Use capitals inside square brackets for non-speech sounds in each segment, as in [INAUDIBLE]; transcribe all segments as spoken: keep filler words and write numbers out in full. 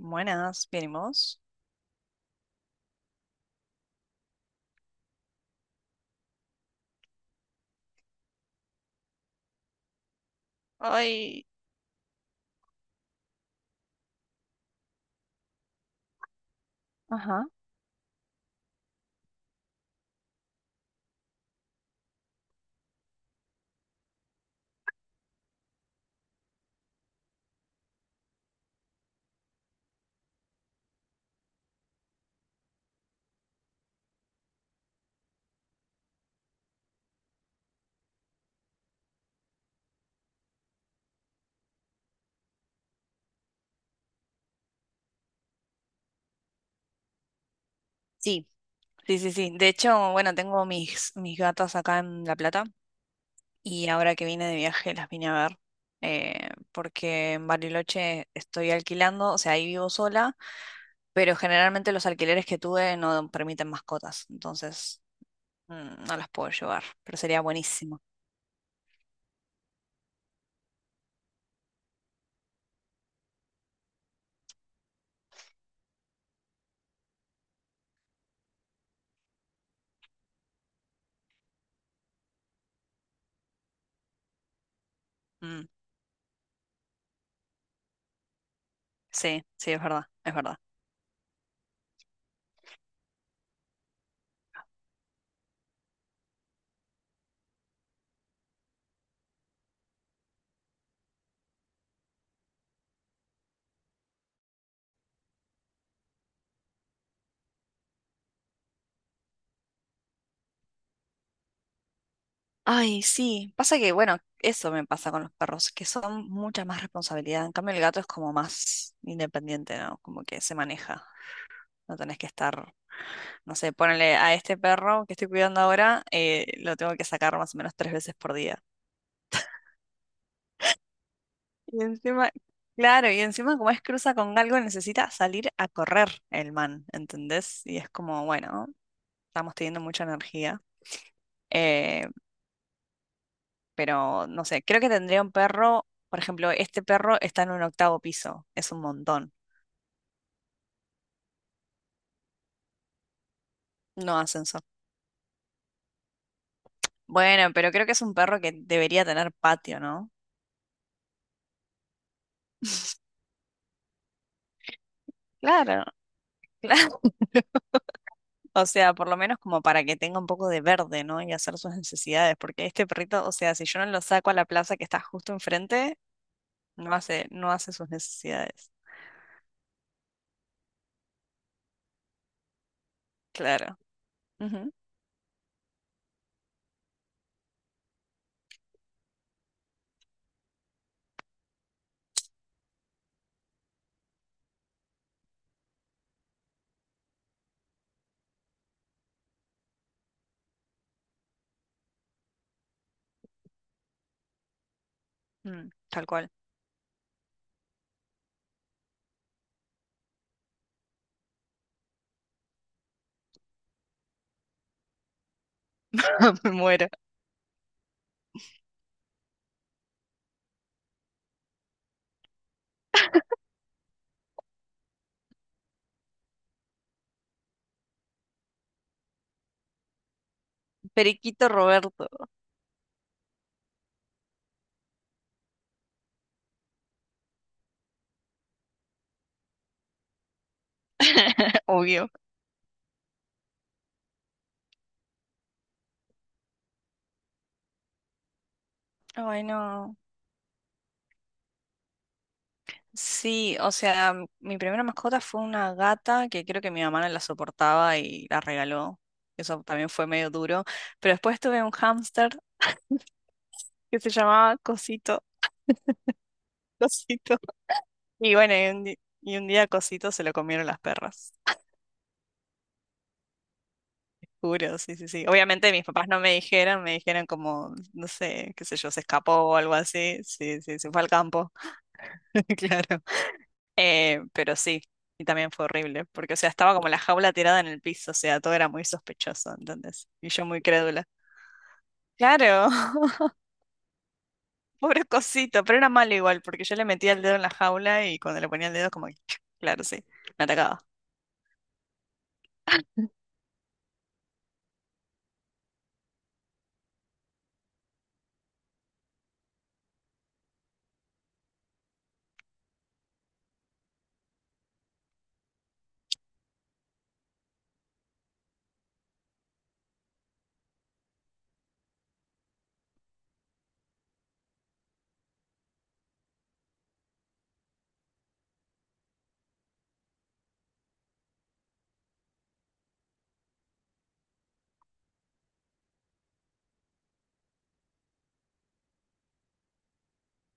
Buenas, bien, ¿y vos? Ay. Ajá. Sí, sí, sí, sí. De hecho, bueno, tengo mis, mis gatas acá en La Plata y ahora que vine de viaje las vine a ver, eh, porque en Bariloche estoy alquilando, o sea, ahí vivo sola, pero generalmente los alquileres que tuve no permiten mascotas, entonces mm, no las puedo llevar, pero sería buenísimo. Mm, sí, sí, es verdad, es verdad. Ay, sí. Pasa que, bueno, eso me pasa con los perros, que son mucha más responsabilidad. En cambio, el gato es como más independiente, ¿no? Como que se maneja. No tenés que estar, no sé, ponele a este perro que estoy cuidando ahora, eh, lo tengo que sacar más o menos tres veces por día. Y encima, claro, y encima como es cruza con algo, necesita salir a correr el man, ¿entendés? Y es como, bueno, estamos teniendo mucha energía. Eh, pero no sé, creo que tendría un perro, por ejemplo, este perro está en un octavo piso, es un montón, no ascensor. Bueno, pero creo que es un perro que debería tener patio, ¿no? Claro, claro. [LAUGHS] O sea, por lo menos como para que tenga un poco de verde, ¿no? Y hacer sus necesidades, porque este perrito, o sea, si yo no lo saco a la plaza que está justo enfrente, no hace, no hace sus necesidades. Claro. Ujú. Mm, tal cual. [LAUGHS] Me muero. Periquito Roberto, [LAUGHS] obvio. Ay, no. Sí, o sea, mi primera mascota fue una gata que creo que mi mamá no la soportaba y la regaló. Eso también fue medio duro. Pero después tuve un hámster que se llamaba Cosito. [LAUGHS] Cosito. Y bueno, y un, di- y un día Cosito se lo comieron las perras. Juro, sí, sí, sí. Obviamente mis papás no me dijeron, me dijeron como, no sé, qué sé yo, se escapó o algo así. Sí, sí, se fue al campo. [LAUGHS] Claro. Eh, pero sí, y también fue horrible, porque, o sea, estaba como la jaula tirada en el piso, o sea, todo era muy sospechoso, entonces, y yo muy crédula. Claro, [LAUGHS] pobre cosito, pero era malo igual, porque yo le metía el dedo en la jaula y cuando le ponía el dedo, como que, [TSK] claro, sí, me atacaba.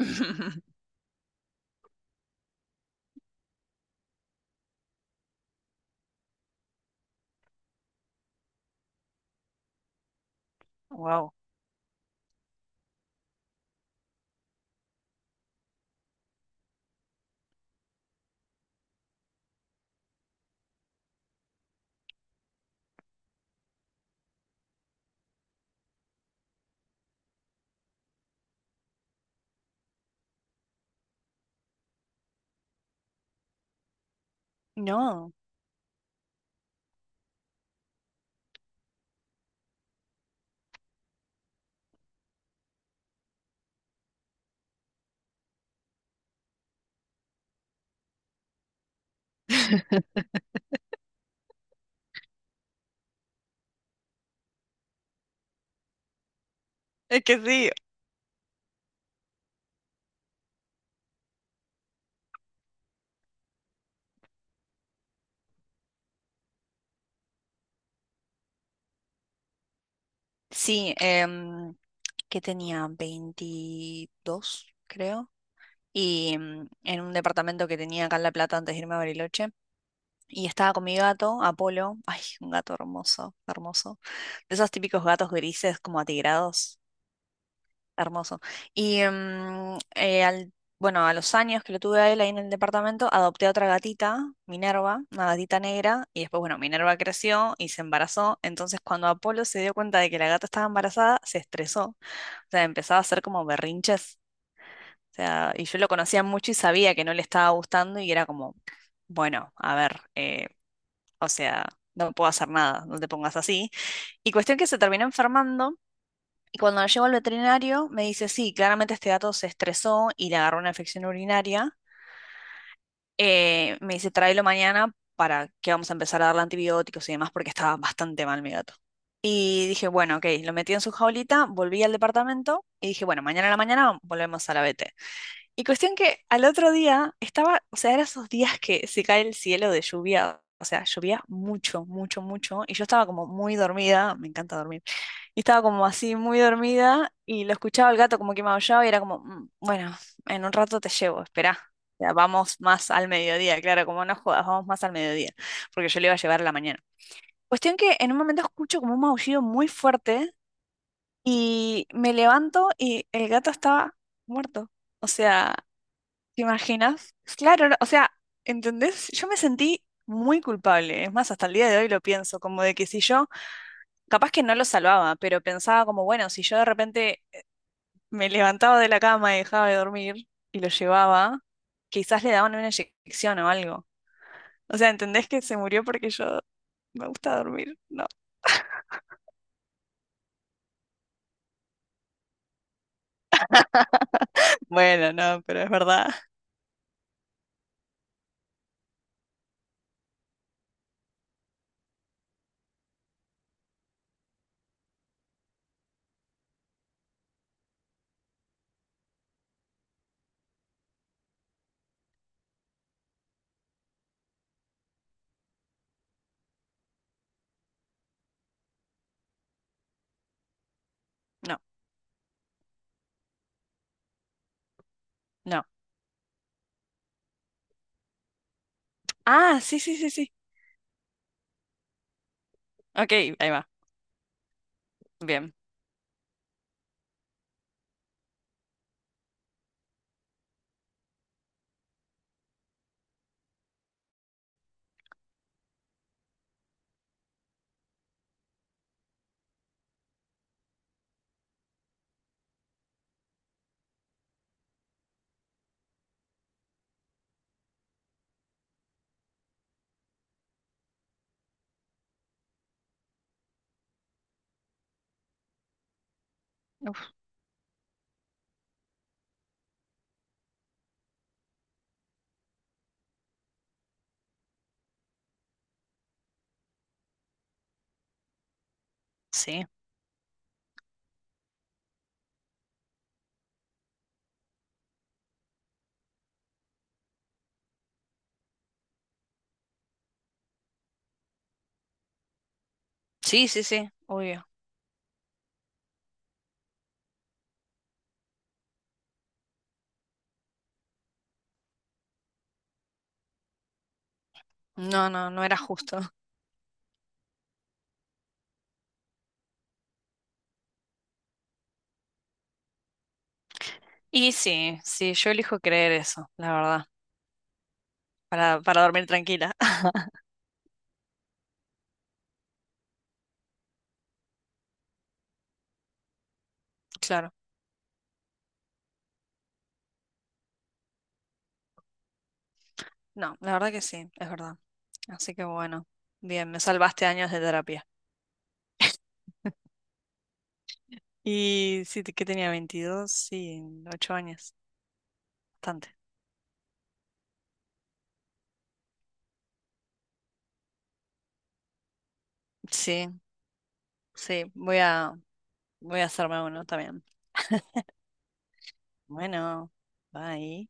[LAUGHS] Wow. No, es que sí. Sí, em, que tenía veintidós creo, y em, en un departamento que tenía acá en La Plata antes de irme a Bariloche. Y estaba con mi gato, Apolo. Ay, un gato hermoso, hermoso. De esos típicos gatos grises, como atigrados. Hermoso. Y mm, eh, al, bueno, a los años que lo tuve a él ahí en el departamento, adopté a otra gatita, Minerva, una gatita negra. Y después, bueno, Minerva creció y se embarazó. Entonces, cuando Apolo se dio cuenta de que la gata estaba embarazada, se estresó. O sea, empezaba a hacer como berrinches. O sea, y yo lo conocía mucho y sabía que no le estaba gustando y era como, bueno, a ver. Eh, o sea, no puedo hacer nada, no te pongas así. Y cuestión que se terminó enfermando. Y cuando la llevo al veterinario, me dice, sí, claramente este gato se estresó y le agarró una infección urinaria. Eh, me dice, tráelo mañana para que vamos a empezar a darle antibióticos y demás, porque estaba bastante mal mi gato. Y dije, bueno, ok, lo metí en su jaulita, volví al departamento y dije, bueno, mañana a la mañana volvemos a la vet. Y cuestión que al otro día estaba, o sea, eran esos días que se cae el cielo de lluvia, o sea, llovía mucho, mucho, mucho, y yo estaba como muy dormida, me encanta dormir, y estaba como así muy dormida y lo escuchaba el gato como que maullaba y era como, "Mm, bueno, en un rato te llevo, esperá. O sea, vamos más al mediodía, claro, como no jodas, vamos más al mediodía, porque yo le iba a llevar a la mañana. Cuestión que en un momento escucho como un maullido muy fuerte y me levanto y el gato estaba muerto. O sea, ¿te imaginas? Claro, no, o sea, ¿entendés? Yo me sentí muy culpable. Es más, hasta el día de hoy lo pienso, como de que si yo, capaz que no lo salvaba, pero pensaba como, bueno, si yo de repente me levantaba de la cama y dejaba de dormir y lo llevaba, quizás le daban una inyección o algo. O sea, ¿entendés que se murió porque yo me gusta dormir? No. Bueno, no, pero es verdad. No, no. Ah, sí, sí, sí, sí. Ok, ahí va. Bien. Sí. Sí, sí, sí. Obvio. No, no, no era justo. Y sí, sí, yo elijo creer eso, la verdad, para, para dormir tranquila. [LAUGHS] Claro, no, la verdad que sí, es verdad. Así que bueno, bien, me salvaste años de terapia. Y sí, te- que tenía veintidós sí, ocho años, bastante. Sí, sí, voy a, voy a, hacerme uno también. Bueno, bye.